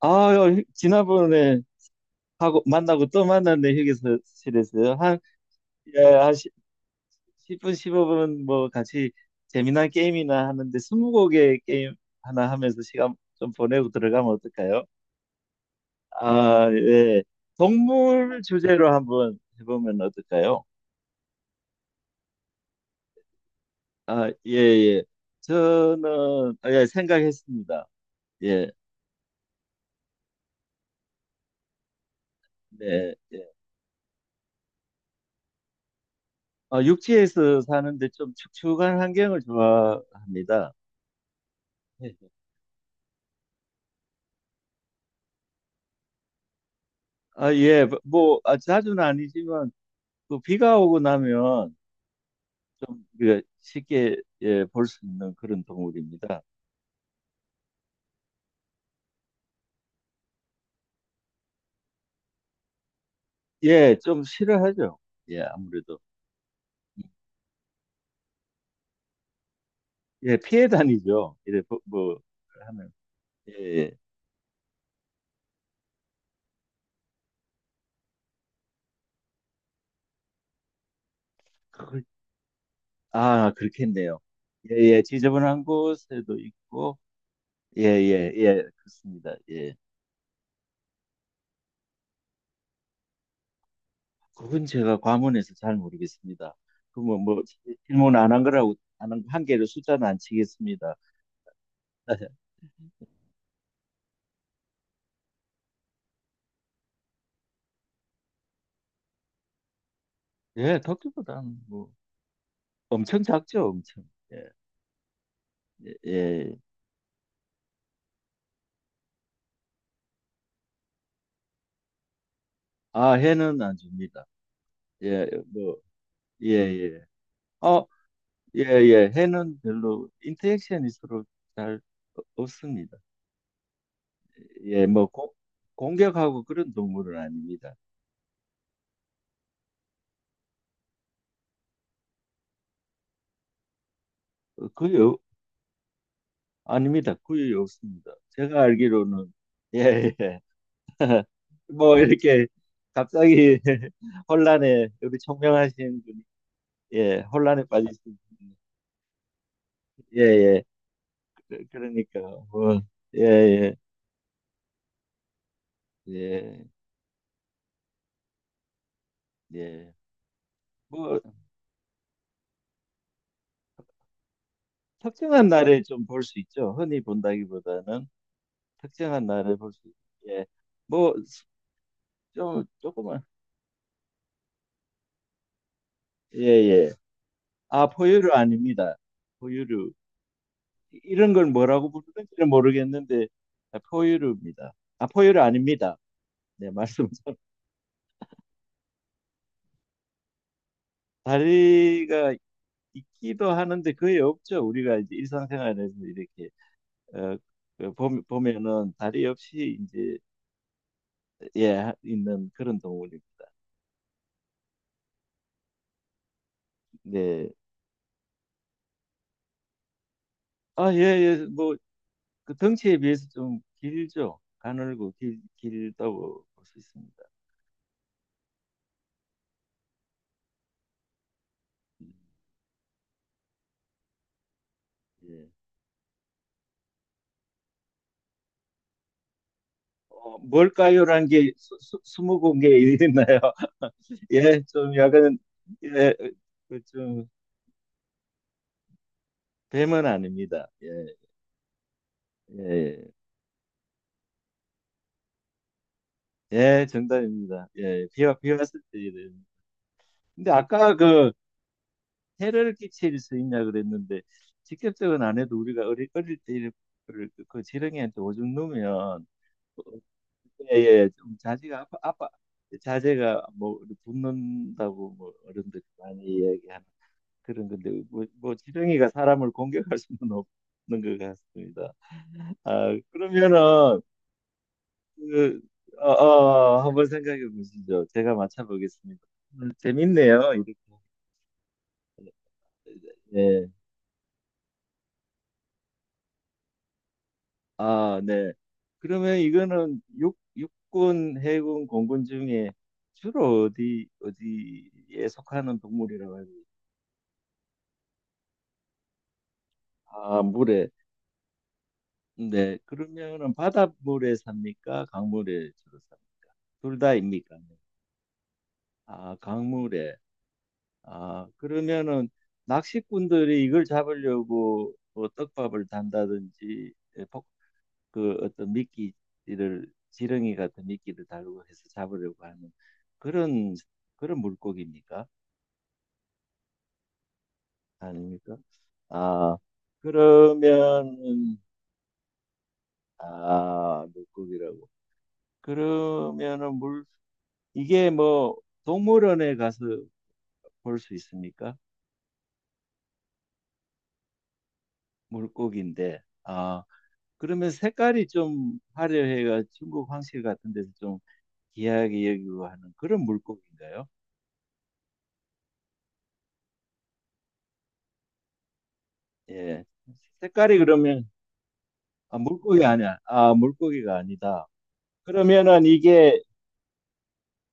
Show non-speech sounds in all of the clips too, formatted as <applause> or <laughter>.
아, 요, 지난번에 하고 만나고 또 만났네 휴게실에서요. 한, 예, 한 10, 분 15분 뭐 같이 재미난 게임이나 하는데 스무고개 게임 하나 하면서 시간 좀 보내고 들어가면 어떨까요? 아, 예. 동물 주제로 한번 해보면 어떨까요? 아, 예, 예. 저는 아, 예, 생각했습니다. 예, 네, 예. 아, 육지에서 사는데 좀 축축한 환경을 좋아합니다. 예. 아, 예, 뭐, 아, 자주는 아니지만, 그 비가 오고 나면 좀 우리가 쉽게 예, 볼 수 있는 그런 동물입니다. 예, 좀 싫어하죠. 예, 아무래도. 예, 피해 다니죠. 이래, 뭐, 하면. 예, 예. 그- 아, 그렇겠네요. 예, 예, 지저분한 곳에도 있고, 예, 예, 예, 그렇습니다. 예. 그건 제가 과문해서 잘 모르겠습니다. 그, 뭐, 뭐, 질문 안 한 거라고, 안 한 개를 숫자는 안 치겠습니다. 예, 토끼보다는 뭐 엄청 작죠, 엄청. 예, 예. 아, 해는 안 줍니다. 예, 뭐, 예, 예. 어, 예, 예. 해는 별로 인터랙션이 서로 잘 없습니다. 예, 뭐 공격하고 그런 동물은 아닙니다. 어, 아닙니다. 거의 없습니다. 제가 알기로는 예, 예. 뭐 이렇게 갑자기 <laughs> 혼란에 우리 총명하신 분이 예, 혼란에 빠지신 분이 예, 예. 그러니까 뭐 예, 예, 예, 예. 뭐 특정한 날에 좀 볼 수 있죠. 흔히 본다기보다는 특정한 날에 볼 수. 예. 뭐 좀 조금만 예, 예. 아, 포유류 아닙니다. 포유류. 이런 걸 뭐라고 부르는지는 모르겠는데 아, 포유류입니다. 아, 포유류 아닙니다. 네, 말씀 <laughs> 다리가 있기도 하는데 거의 없죠. 우리가 이제 일상생활에서 이렇게 어, 그 보면은 다리 없이 이제 예 있는 그런 동물입니다. 네. 아, 예, 예. 뭐, 그 덩치에 비해서 좀 길죠. 가늘고 길다고 볼 수 있습니다. 음, 예. 어, 뭘까요라는 게 스무 공개 있나요? <laughs> 예, 좀 약간, 예, 어, 그 좀, 뱀은 아닙니다. 예, 예, 예, 예, 정답입니다. 예, 비 왔을 때. 이런. 근데 아까 그, 해를 끼칠 수 있냐 그랬는데 직접적은 안 해도 우리가 어릴 때 이를 그 지렁이한테 오줌 누면 예예 좀 자제가 아파 자제가 뭐 붙는다고 뭐 어른들이 많이 이야기하는 그런 건데 뭐 지렁이가 사람을 공격할 수는 없는 것 같습니다. 아 그러면은 그 어, 한번 생각해 보시죠. 제가 맞춰보겠습니다. 오늘 재밌네요. 이렇게. 예. 아, 네. 그러면 이거는 육군, 해군, 공군 중에 주로 어디에 속하는 동물이라고 합니 아, 물에. 네. 그러면은 바닷물에 삽니까? 강물에 주로 삽니까? 둘 다입니까? 네. 아, 강물에. 아, 그러면은 낚시꾼들이 이걸 잡으려고 뭐 떡밥을 단다든지 그 어떤 미끼를 지렁이 같은 미끼를 달고 해서 잡으려고 하는 그런 그런 물고기입니까? 아닙니까? 아 그러면 아 물고기라고 그러면은 물 이게 뭐 동물원에 가서 볼 수 있습니까? 물고기인데 아 그러면 색깔이 좀 화려해가 중국 황실 같은 데서 좀 귀하게 여기고 하는 그런 물고기인가요? 예 색깔이 그러면 아, 물고기 아니야. 아, 물고기가 아니다. 그러면은 이게,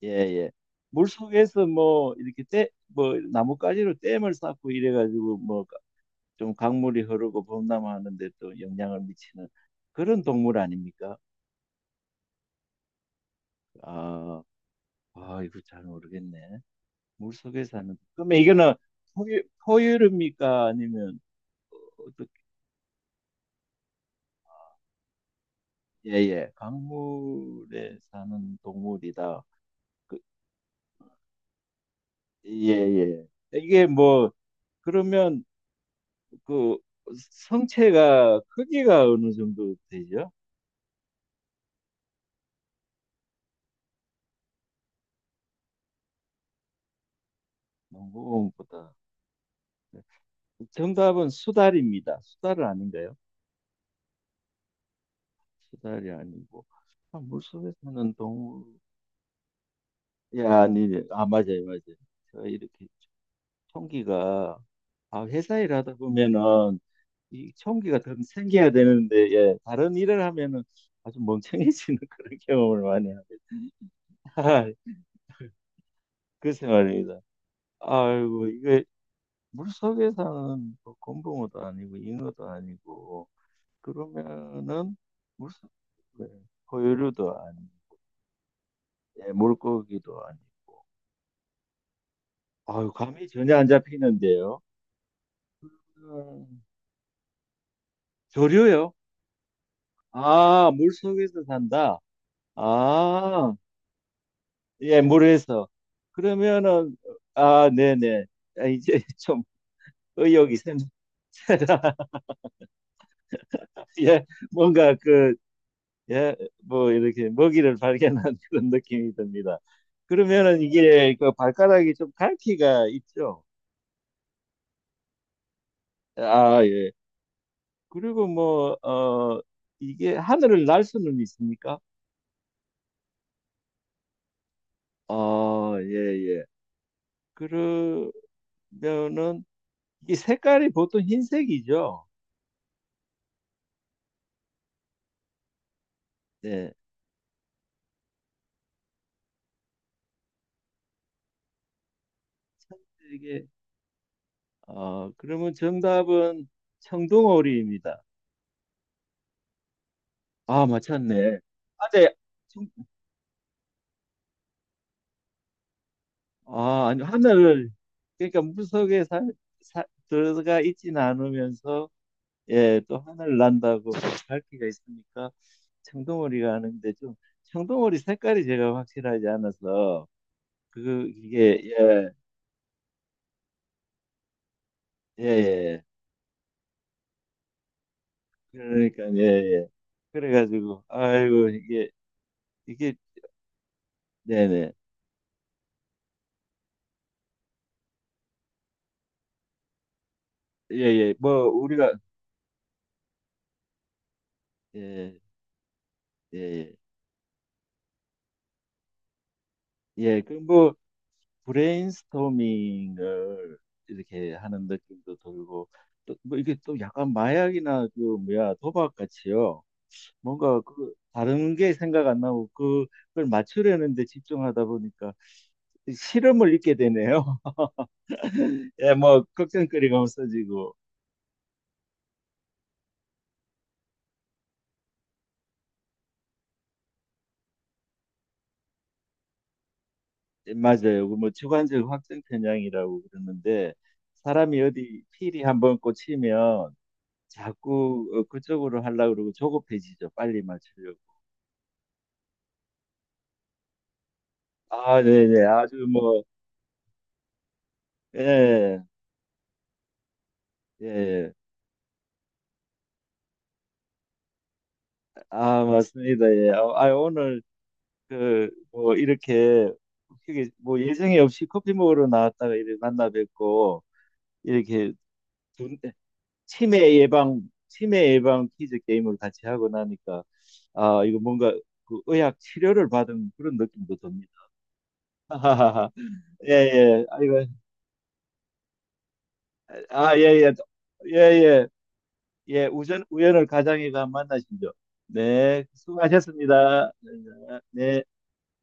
예, 예. 물 속에서 뭐, 이렇게 떼 뭐, 나뭇가지로 댐을 쌓고 이래가지고, 뭐, 좀 강물이 흐르고 범람하는데 또 영향을 미치는 그런 동물 아닙니까? 아, 아, 이거 잘 모르겠네. 물 속에 사는. 그러면 이거는 포유류입니까? 아니면, 어떻게, 예, 예. 강물에 사는 동물이다. 그, 예, 예. 이게 뭐, 그러면 그 성체가 크기가 어느 정도 되죠? 농구공보다. 정답은 수달입니다. 수달은 아닌가요? 수달이 아니고. 아, 물속에 사는 동물. 야, 아니, 예, 아, 맞아요, 맞아요. 제가 이렇게 총기가, 아, 회사 일하다 보면은 이 총기가 더 생겨야 되는데, 예, 다른 일을 하면은 아주 멍청해지는 <laughs> 그런 경험을 많이 합니다. 아, 그 생활입니다. 아이고, 이거 물속에 사는 뭐 곰붕어도 아니고 잉어도 아니고 그러면은 물속 네, 포유류도 아니 예, 물고기도 아니 아유 감이 전혀 안 잡히는데요 음, 조류요 아 물속에서 산다 아 예 물에서 그러면은 아 네네 아, 이제 <laughs> 좀 의욕이 샘니다 <laughs> 예 뭔가 그 예, 뭐 이렇게 먹이를 발견한 <laughs> 그런 느낌이 듭니다. 그러면은 이게 그 발가락이 좀 갈퀴가 있죠. 아, 예. 그리고 뭐, 어, 이게 하늘을 날 수는 있습니까? 아, 예, 예. 그러면은 이게 색깔이 보통 흰색이죠. 네. 이게 어, 그러면 정답은 청둥오리입니다. 아, 맞췄네. 아재, 아, 아니, 하늘을, 그러니까 물속에 살- 들어가 있지는 않으면서, 예, 또 하늘 난다고 밝기가 있으니까, 청둥오리가 하는데 좀, 청둥오리 색깔이 제가 확실하지 않아서, 그, 이게, 예, 예, 예. 그러니까, 예, 예. 그래가지고, 아이고, 이게, 이게, 네네. 예, 예. 뭐, 우리가, 예, 예, 예. 예, 그 뭐, 브레인스토밍을 이렇게 하는 느낌도 들고 또 뭐 이게 또 약간 마약이나 그 뭐야 도박 같이요. 뭔가 그 다른 게 생각 안 나고 그걸 맞추려는데 집중하다 보니까 실험을 잊게 되네요. <laughs> 예, 뭐 걱정거리가 없어지고 예, 맞아요. 그뭐 주관적 확정 편향이라고 그러는데 사람이 어디 필이 한번 꽂히면 자꾸 어, 그쪽으로 하려고 그러고 조급해지죠. 빨리 맞추려고. 아, 네네. 아주 뭐, 예, 예. 아, 맞습니다. 예. 아, 아, 오늘, 그, 뭐, 이렇게, 이게 뭐, 예정이 없이 커피 먹으러 나왔다가 이렇게 만나 뵙고, 이렇게, 두- 치매 예방, 치매 예방 퀴즈 게임을 같이 하고 나니까, 아, 이거 뭔가, 그 의학 치료를 받은 그런 느낌도 듭니다. <laughs> 하하하 예, 예. 아이고, 아, 예, 예. 예, 예. 예, 우연을 가장해가 만나시죠. 네, 수고하셨습니다. 네. 네.